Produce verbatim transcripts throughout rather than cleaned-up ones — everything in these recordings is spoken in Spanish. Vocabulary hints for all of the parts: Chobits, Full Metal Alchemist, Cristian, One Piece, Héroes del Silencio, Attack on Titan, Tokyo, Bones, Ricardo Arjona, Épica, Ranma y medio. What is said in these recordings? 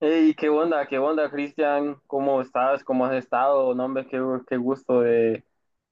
Hey, ¿qué onda? ¿Qué onda, Cristian? ¿Cómo estás? ¿Cómo has estado? No, hombre, qué, qué gusto de,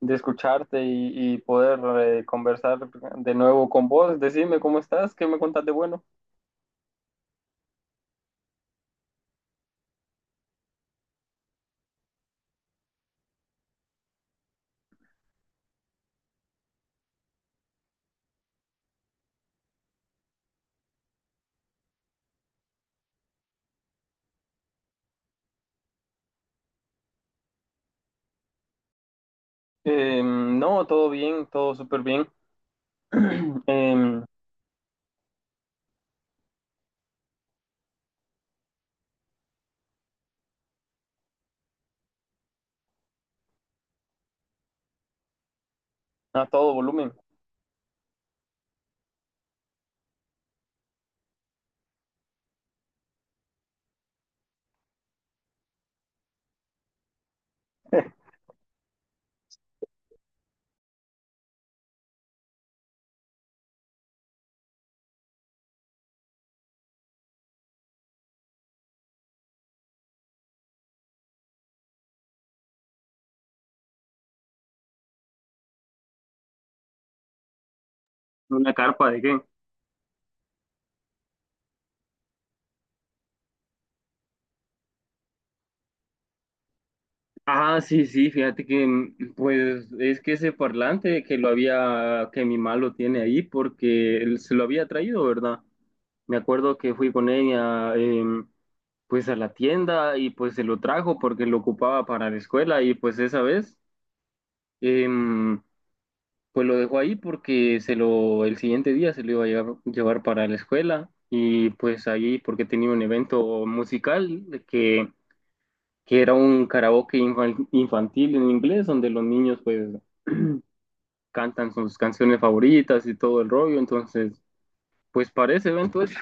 de escucharte y, y poder eh, conversar de nuevo con vos. Decime, ¿cómo estás? ¿Qué me contás de bueno? Em, no, todo bien, todo súper bien. Em, a todo volumen. ¿Una carpa de qué? Ah, sí, sí, fíjate que mm, pues es que ese parlante que lo había, que mi malo tiene ahí porque él se lo había traído, ¿verdad? Me acuerdo que fui con ella em, pues a la tienda y pues se lo trajo porque lo ocupaba para la escuela y pues esa vez em, pues lo dejó ahí porque se lo el siguiente día se lo iba a llevar, llevar para la escuela y pues ahí porque tenía un evento musical de que, que era un karaoke infan- infantil en inglés donde los niños pues cantan sus canciones favoritas y todo el rollo entonces pues para ese evento es.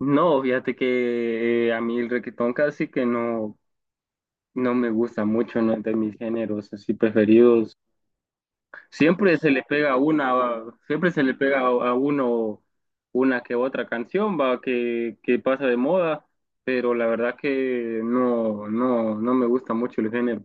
No, fíjate que eh, a mí el requetón casi que no, no me gusta mucho, no es de mis géneros así preferidos. Siempre se le pega una, siempre se le pega a, a uno una que otra canción, va, que, que pasa de moda, pero la verdad que no, no, no me gusta mucho el género.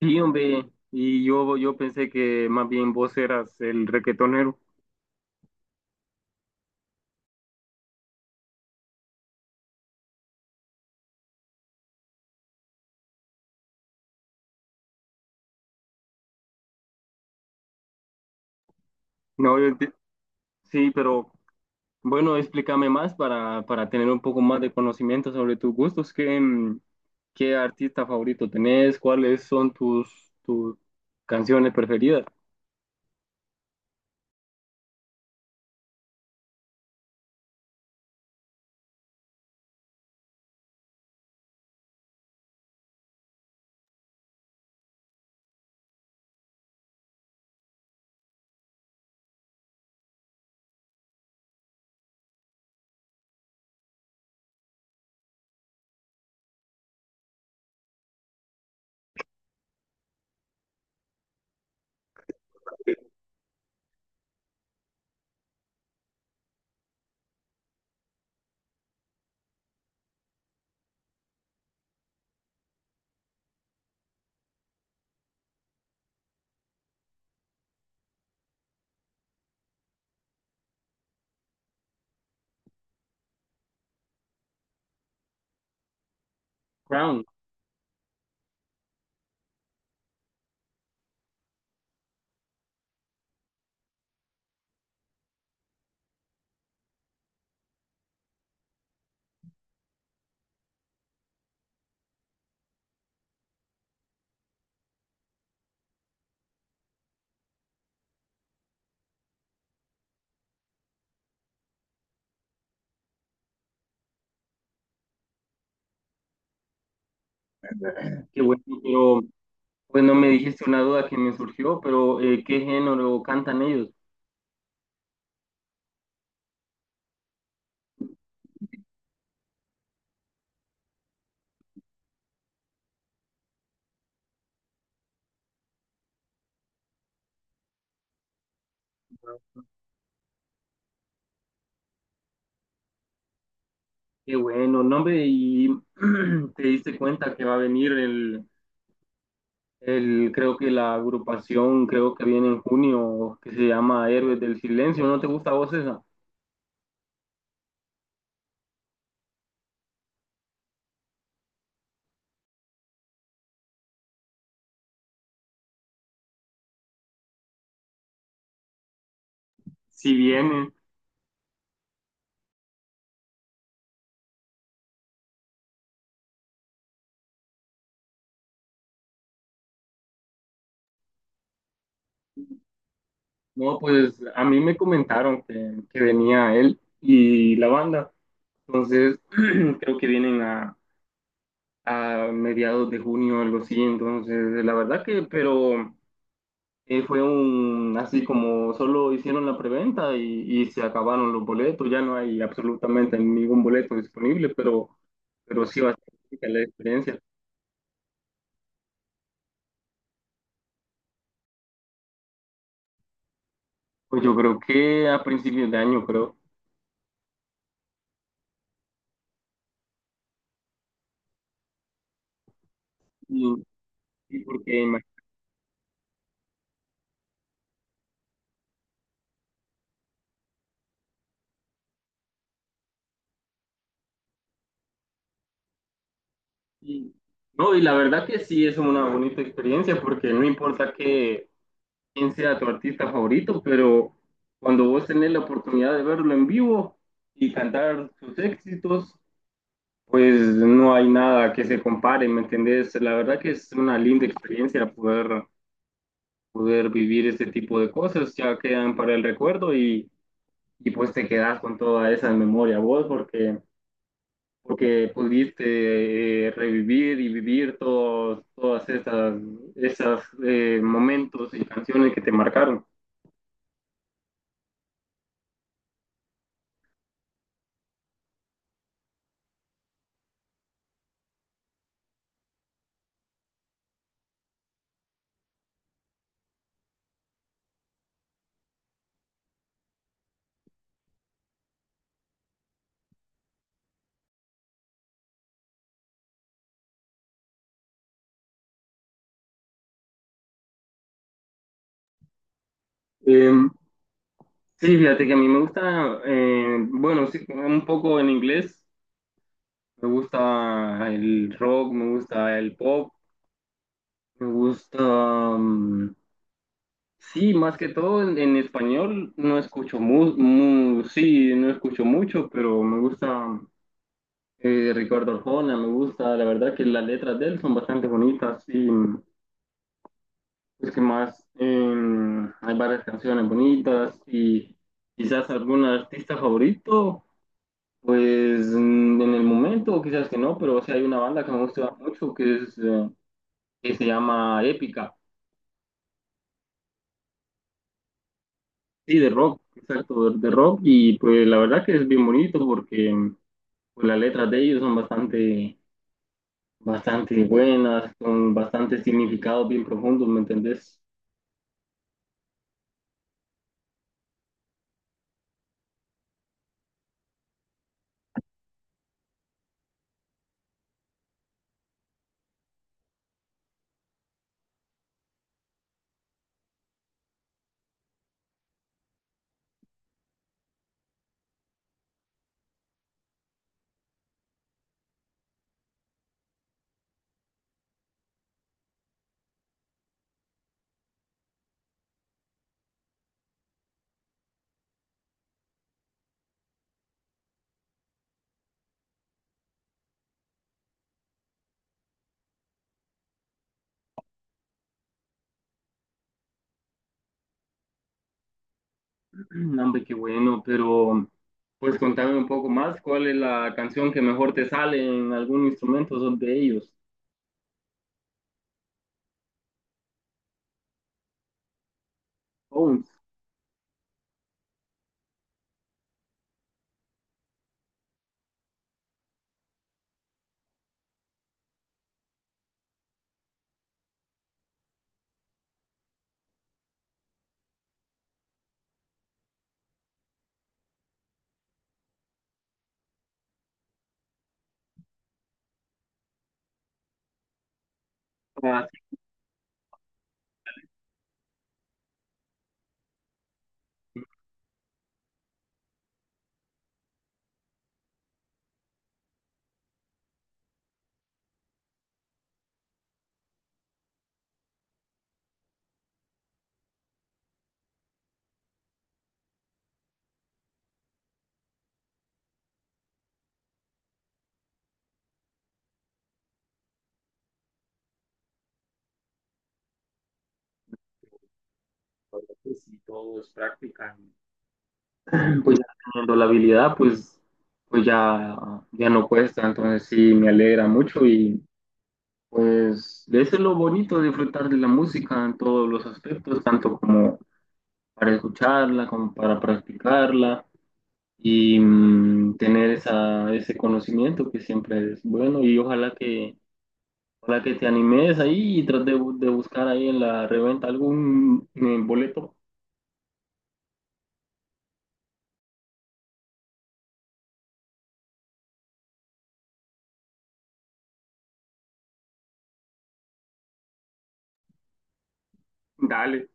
Sí, hombre, y yo, yo pensé que más bien vos eras el requetonero. No, yo enti- sí, pero... Bueno, explícame más para, para tener un poco más de conocimiento sobre tus gustos. ¿Qué, mm, qué artista favorito tenés? ¿Cuáles son tus, tus canciones preferidas? Crown, qué bueno, pero bueno, me dijiste una duda que me surgió, pero eh, ¿qué género cantan ellos? Qué bueno, nombre, y te diste cuenta que va a venir el, el, creo que la agrupación, creo que viene en junio, que se llama Héroes del Silencio, ¿no te gusta a vos esa? Si viene. No, pues a mí me comentaron que, que venía él y la banda. Entonces, creo que vienen a, a mediados de junio, algo así. Entonces, la verdad que, pero eh, fue un, así como solo hicieron la preventa y, y se acabaron los boletos. Ya no hay absolutamente ningún boleto disponible, pero, pero sí va a ser rica la experiencia. Pues yo creo que a principios de año, creo. Y, y porque Y- No, y la verdad que sí es una bonita experiencia porque no importa que, quién sea tu artista favorito, pero cuando vos tenés la oportunidad de verlo en vivo y cantar sus éxitos, pues no hay nada que se compare, ¿me entendés? La verdad que es una linda experiencia poder, poder vivir este tipo de cosas, ya quedan para el recuerdo y, y pues te quedás con toda esa memoria vos porque... porque pudiste eh, revivir y vivir todos todas esas, esas eh, momentos y canciones que te marcaron. Eh, sí, fíjate que a mí me gusta, eh, bueno, sí, un poco en inglés, me gusta el rock, me gusta el pop, me gusta, mm, sí, más que todo en, en español no escucho mu, mu- sí, no escucho mucho, pero me gusta. Eh, Ricardo Arjona, me gusta, la verdad que las letras de él son bastante bonitas y pues que más em, hay varias canciones bonitas y quizás algún artista favorito, pues mm, en el momento quizás que no, pero sí hay una banda que me gusta mucho que es eh, que se llama Épica, sí, de rock, exacto, de, de rock y pues la verdad que es bien bonito porque mm, pues, las letras de ellos son bastante bastante buenas, con bastante significado bien profundo, ¿me entendés? No, hombre, qué bueno, pero pues contame un poco más, ¿cuál es la canción que mejor te sale en algún instrumento? Son de ellos. Bones. Así que si todos practican. Pues ya teniendo la habilidad, pues, pues ya, ya no cuesta, entonces sí, me alegra mucho y pues eso es lo bonito, disfrutar de la música en todos los aspectos, tanto como para escucharla, como para practicarla. Y mm, tener esa, ese conocimiento que siempre es bueno y ojalá que, ojalá que te animes ahí y trates de, bu- de buscar ahí en la reventa algún eh, boleto. Dale.